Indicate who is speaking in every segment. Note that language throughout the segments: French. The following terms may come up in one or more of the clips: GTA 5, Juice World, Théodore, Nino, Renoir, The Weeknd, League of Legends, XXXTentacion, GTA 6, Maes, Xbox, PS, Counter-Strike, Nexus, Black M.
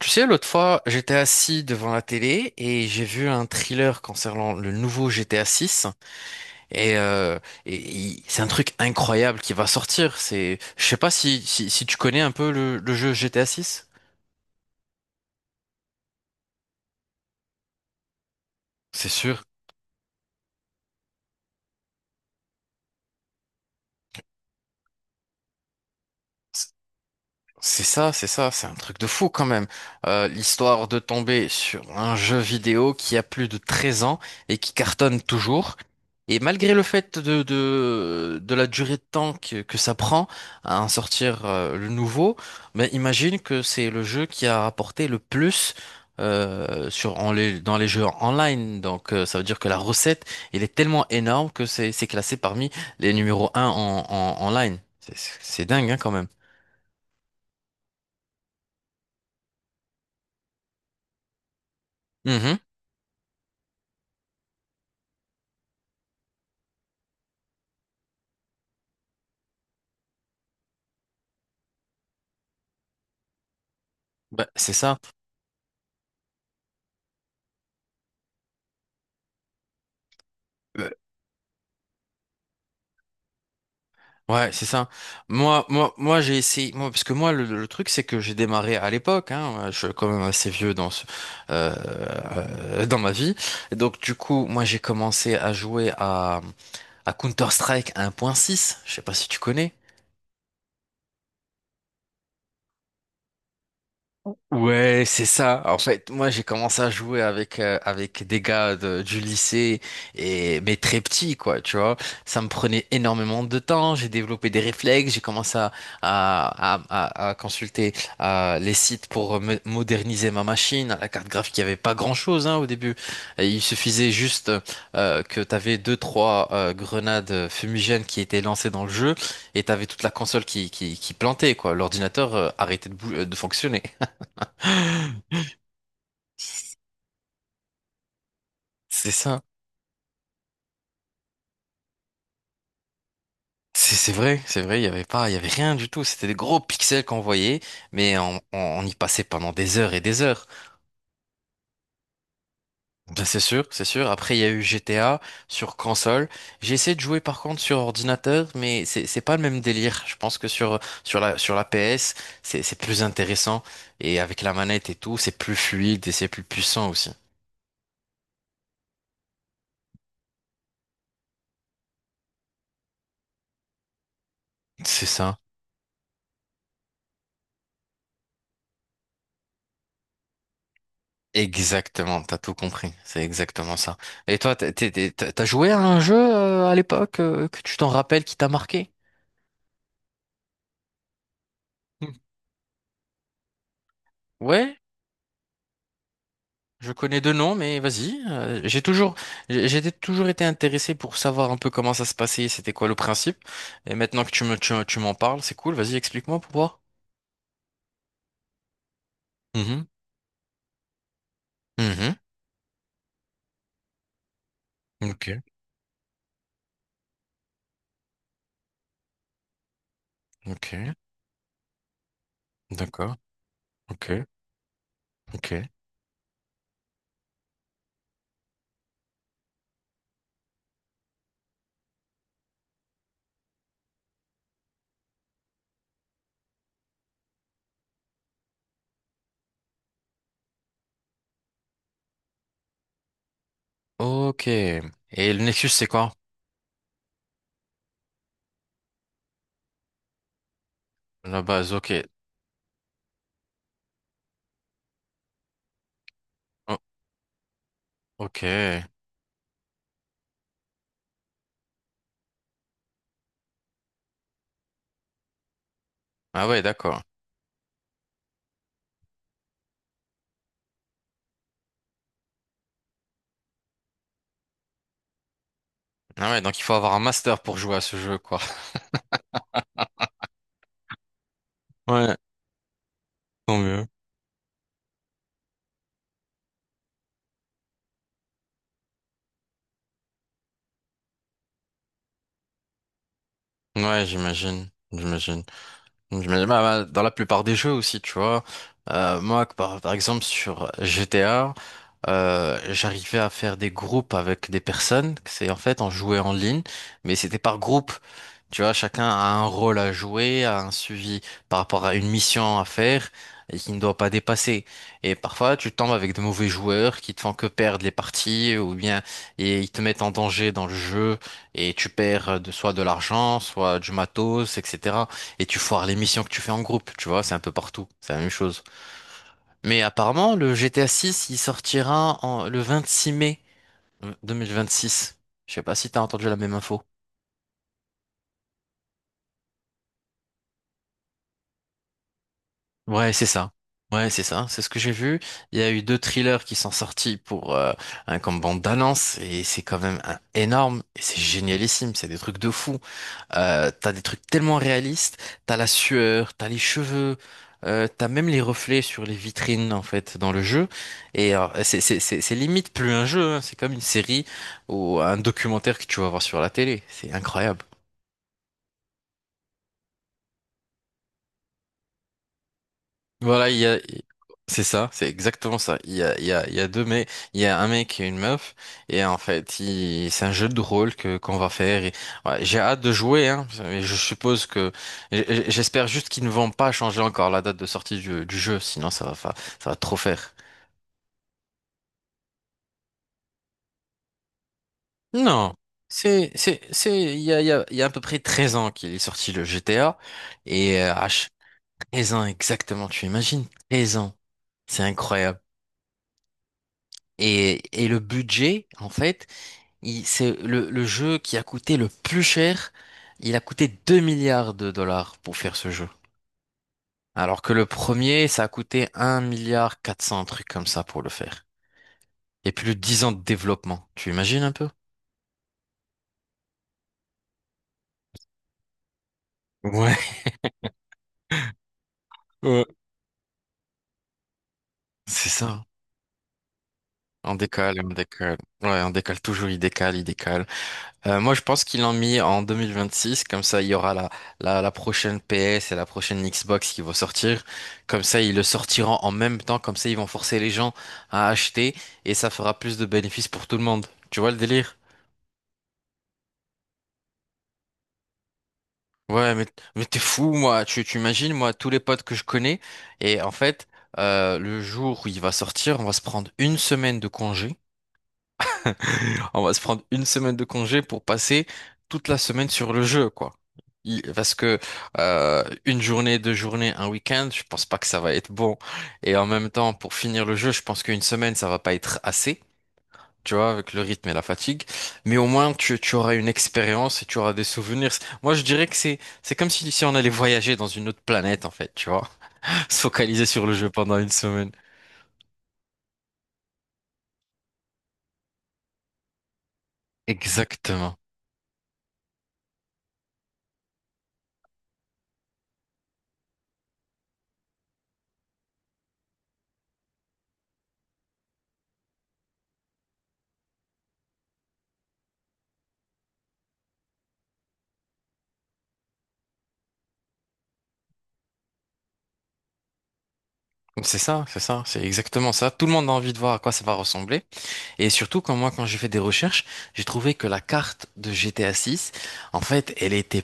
Speaker 1: Tu sais, l'autre fois, j'étais assis devant la télé et j'ai vu un thriller concernant le nouveau GTA 6 et, euh, c'est un truc incroyable qui va sortir. Je sais pas si tu connais un peu le jeu GTA 6. C'est sûr. C'est ça, c'est ça, c'est un truc de fou quand même. L'histoire de tomber sur un jeu vidéo qui a plus de 13 ans et qui cartonne toujours. Et malgré le fait de la durée de temps que ça prend à en sortir le nouveau, mais imagine que c'est le jeu qui a rapporté le plus dans les jeux online. Donc ça veut dire que la recette, elle est tellement énorme que c'est classé parmi les numéros un en line. C'est dingue, hein, quand même. Mm-hmm. Bah, c'est ça. Euh, Ouais, c'est ça. Moi, moi, moi, j'ai essayé. Moi, parce que moi, le truc, c'est que j'ai démarré à l'époque. Hein, je suis quand même assez vieux dans euh, dans ma vie. Et donc, du coup, moi, j'ai commencé à jouer à Counter-Strike 1.6. Je sais pas si tu connais. Ouais, c'est ça. En fait, moi, j'ai commencé à jouer avec avec des gars du lycée et mais très petits, quoi, tu vois. Ça me prenait énormément de temps. J'ai développé des réflexes. J'ai commencé à, à, à consulter les sites pour moderniser ma machine. La carte graphique, il y avait pas grand-chose, hein, au début. Et il suffisait juste que t'avais deux trois grenades fumigènes qui étaient lancées dans le jeu et t'avais toute la console qui plantait, quoi. L'ordinateur arrêtait de fonctionner. C'est ça. C'est vrai, c'est vrai, il y avait pas, il y avait rien du tout. C'était des gros pixels qu'on voyait, mais on y passait pendant des heures et des heures. Ben, c'est sûr, c'est sûr. Après, il y a eu GTA sur console. J'ai essayé de jouer par contre sur ordinateur, mais c'est pas le même délire. Je pense que sur la PS, c'est plus intéressant et avec la manette et tout, c'est plus fluide et c'est plus puissant aussi. C'est ça. Exactement, t'as tout compris, c'est exactement ça. Et toi, t'as joué à un jeu à l'époque que tu t'en rappelles qui t'a marqué? Hmm. Ouais, je connais deux noms, mais vas-y. J'ai toujours, j'ai été- toujours été intéressé pour savoir un peu comment ça se passait, c'était quoi le principe. Et maintenant que tu m'en parles, c'est cool. Vas-y, explique-moi pour voir. Mhm. Mhm. Ok. Ok, d'accord. Ok, ok, ok. Et le Nexus, c'est quoi? La base, ok. Oh, ok. Ah ouais, d'accord. Ah ouais, donc il faut avoir un master pour jouer à ce jeu, quoi. Ouais, tant mieux. Ouais, j'imagine. J'imagine. J'imagine, bah, dans la plupart des jeux aussi, tu vois. Moi, par exemple, sur GTA, j'arrivais à faire des groupes avec des personnes. C'est en fait, on jouait en ligne, mais c'était par groupe. Tu vois, chacun a un rôle à jouer, a un suivi par rapport à une mission à faire et qui ne doit pas dépasser. Et parfois, tu tombes avec de mauvais joueurs qui te font que perdre les parties ou bien et ils te mettent en danger dans le jeu et tu perds soit de l'argent, soit du matos, etc, et tu foires les missions que tu fais en groupe, tu vois, c'est un peu partout, c'est la même chose. Mais apparemment, le GTA 6, il sortira le 26 mai 2026. Je sais pas si t'as entendu la même info. Ouais, c'est ça. Ouais, c'est ça, c'est ce que j'ai vu. Il y a eu deux thrillers qui sont sortis pour un comme bande d'annonce et c'est quand même énorme, et c'est génialissime, c'est des trucs de fou. T'as des trucs tellement réalistes, t'as la sueur, t'as les cheveux, t'as même les reflets sur les vitrines en fait dans le jeu. Et c'est limite plus un jeu, hein. C'est comme une série ou un documentaire que tu vas voir sur la télé. C'est incroyable. Voilà, il y a... c'est ça, c'est exactement ça. Il y a, il y a, il y a deux mecs, il y a un mec et une meuf, et en fait, c'est un jeu de rôle que qu'on va faire. Ouais, j'ai hâte de jouer, hein. Mais je suppose que, j- j'espère juste qu'ils ne vont pas changer encore la date de sortie du jeu, sinon ça va, ça va trop faire. Non, il y a à peu près 13 ans qu'il est sorti le GTA, et euh, à ch- 13 ans exactement, tu imagines? 13 ans, c'est incroyable. Et le budget, en fait. C'est le jeu qui a coûté le plus cher. Il a coûté 2 milliards de dollars pour faire ce jeu. Alors que le premier, ça a coûté un milliard 400, un truc comme ça pour le faire. Et plus de 10 ans de développement. Tu imagines un peu? Ouais, ouais. C'est ça. On décale, on décale. Ouais, on décale toujours, il décale, il décale. Moi, je pense qu'ils l'ont mis en 2026. Comme ça, il y aura la prochaine PS et la prochaine Xbox qui vont sortir. Comme ça, ils le sortiront en même temps. Comme ça, ils vont forcer les gens à acheter, et ça fera plus de bénéfices pour tout le monde. Tu vois le délire? Ouais, mais t'es fou, moi. Tu imagines, moi, tous les potes que je connais. Et en fait, le jour où il va sortir, on va se prendre une semaine de congé. On va se prendre une semaine de congé pour passer toute la semaine sur le jeu, quoi. Parce que une journée, deux journées, un week-end, je pense pas que ça va être bon. Et en même temps, pour finir le jeu, je pense qu'une semaine, ça va pas être assez, tu vois, avec le rythme et la fatigue. Mais au moins, tu auras une expérience et tu, auras des souvenirs. Moi, je dirais que c'est comme si on allait voyager dans une autre planète, en fait, tu vois. Se focaliser sur le jeu pendant une semaine. Exactement. C'est ça, c'est ça, c'est exactement ça. Tout le monde a envie de voir à quoi ça va ressembler. Et surtout, quand moi, quand j'ai fait des recherches, j'ai trouvé que la carte de GTA 6, en fait, elle était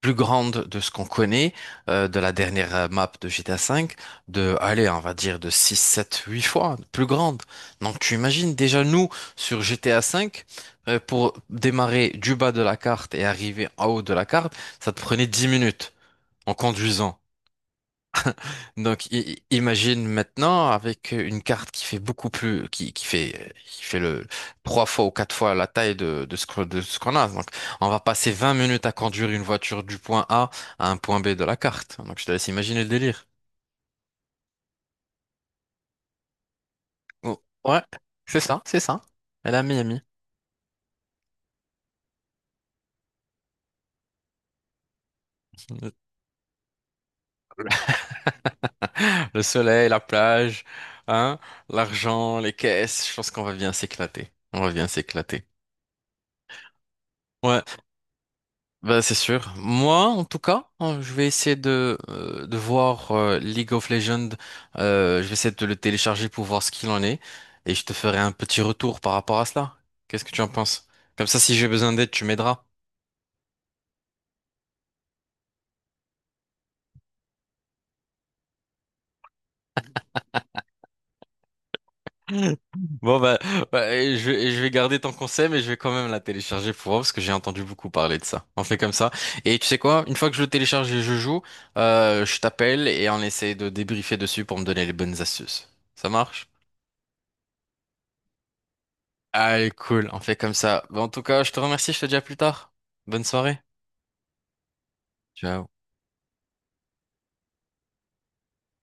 Speaker 1: plus grande de ce qu'on connaît, de la dernière map de GTA 5, allez, on va dire de 6, 7, 8 fois plus grande. Donc, tu imagines déjà nous, sur GTA 5, pour démarrer du bas de la carte et arriver en haut de la carte, ça te prenait 10 minutes en conduisant. Donc, imagine maintenant avec une carte qui fait beaucoup plus, qui fait le trois fois ou quatre fois la taille de, de ce qu'on a. Donc, on va passer 20 minutes à conduire une voiture du point A à un point B de la carte. Donc, je te laisse imaginer le délire. Oh, ouais, c'est ça, c'est ça. Elle a Miami. Le soleil, la plage, hein, l'argent, les caisses. Je pense qu'on va bien s'éclater. On va bien s'éclater. Ouais. Bah, c'est sûr. Moi, en tout cas, hein, je vais essayer de voir League of Legends. Je vais essayer de le télécharger pour voir ce qu'il en est. Et je te ferai un petit retour par rapport à cela. Qu'est-ce que tu en penses? Comme ça, si j'ai besoin d'aide, tu m'aideras. Bon, bah, bah, et je vais garder ton conseil, mais je vais quand même la télécharger pour voir parce que j'ai entendu beaucoup parler de ça. On fait comme ça. Et tu sais quoi? Une fois que je le télécharge et je joue, je t'appelle et on essaie de débriefer dessus pour me donner les bonnes astuces. Ça marche? Allez, cool, on fait comme ça. Bon, en tout cas, je te remercie, je te dis à plus tard. Bonne soirée. Ciao.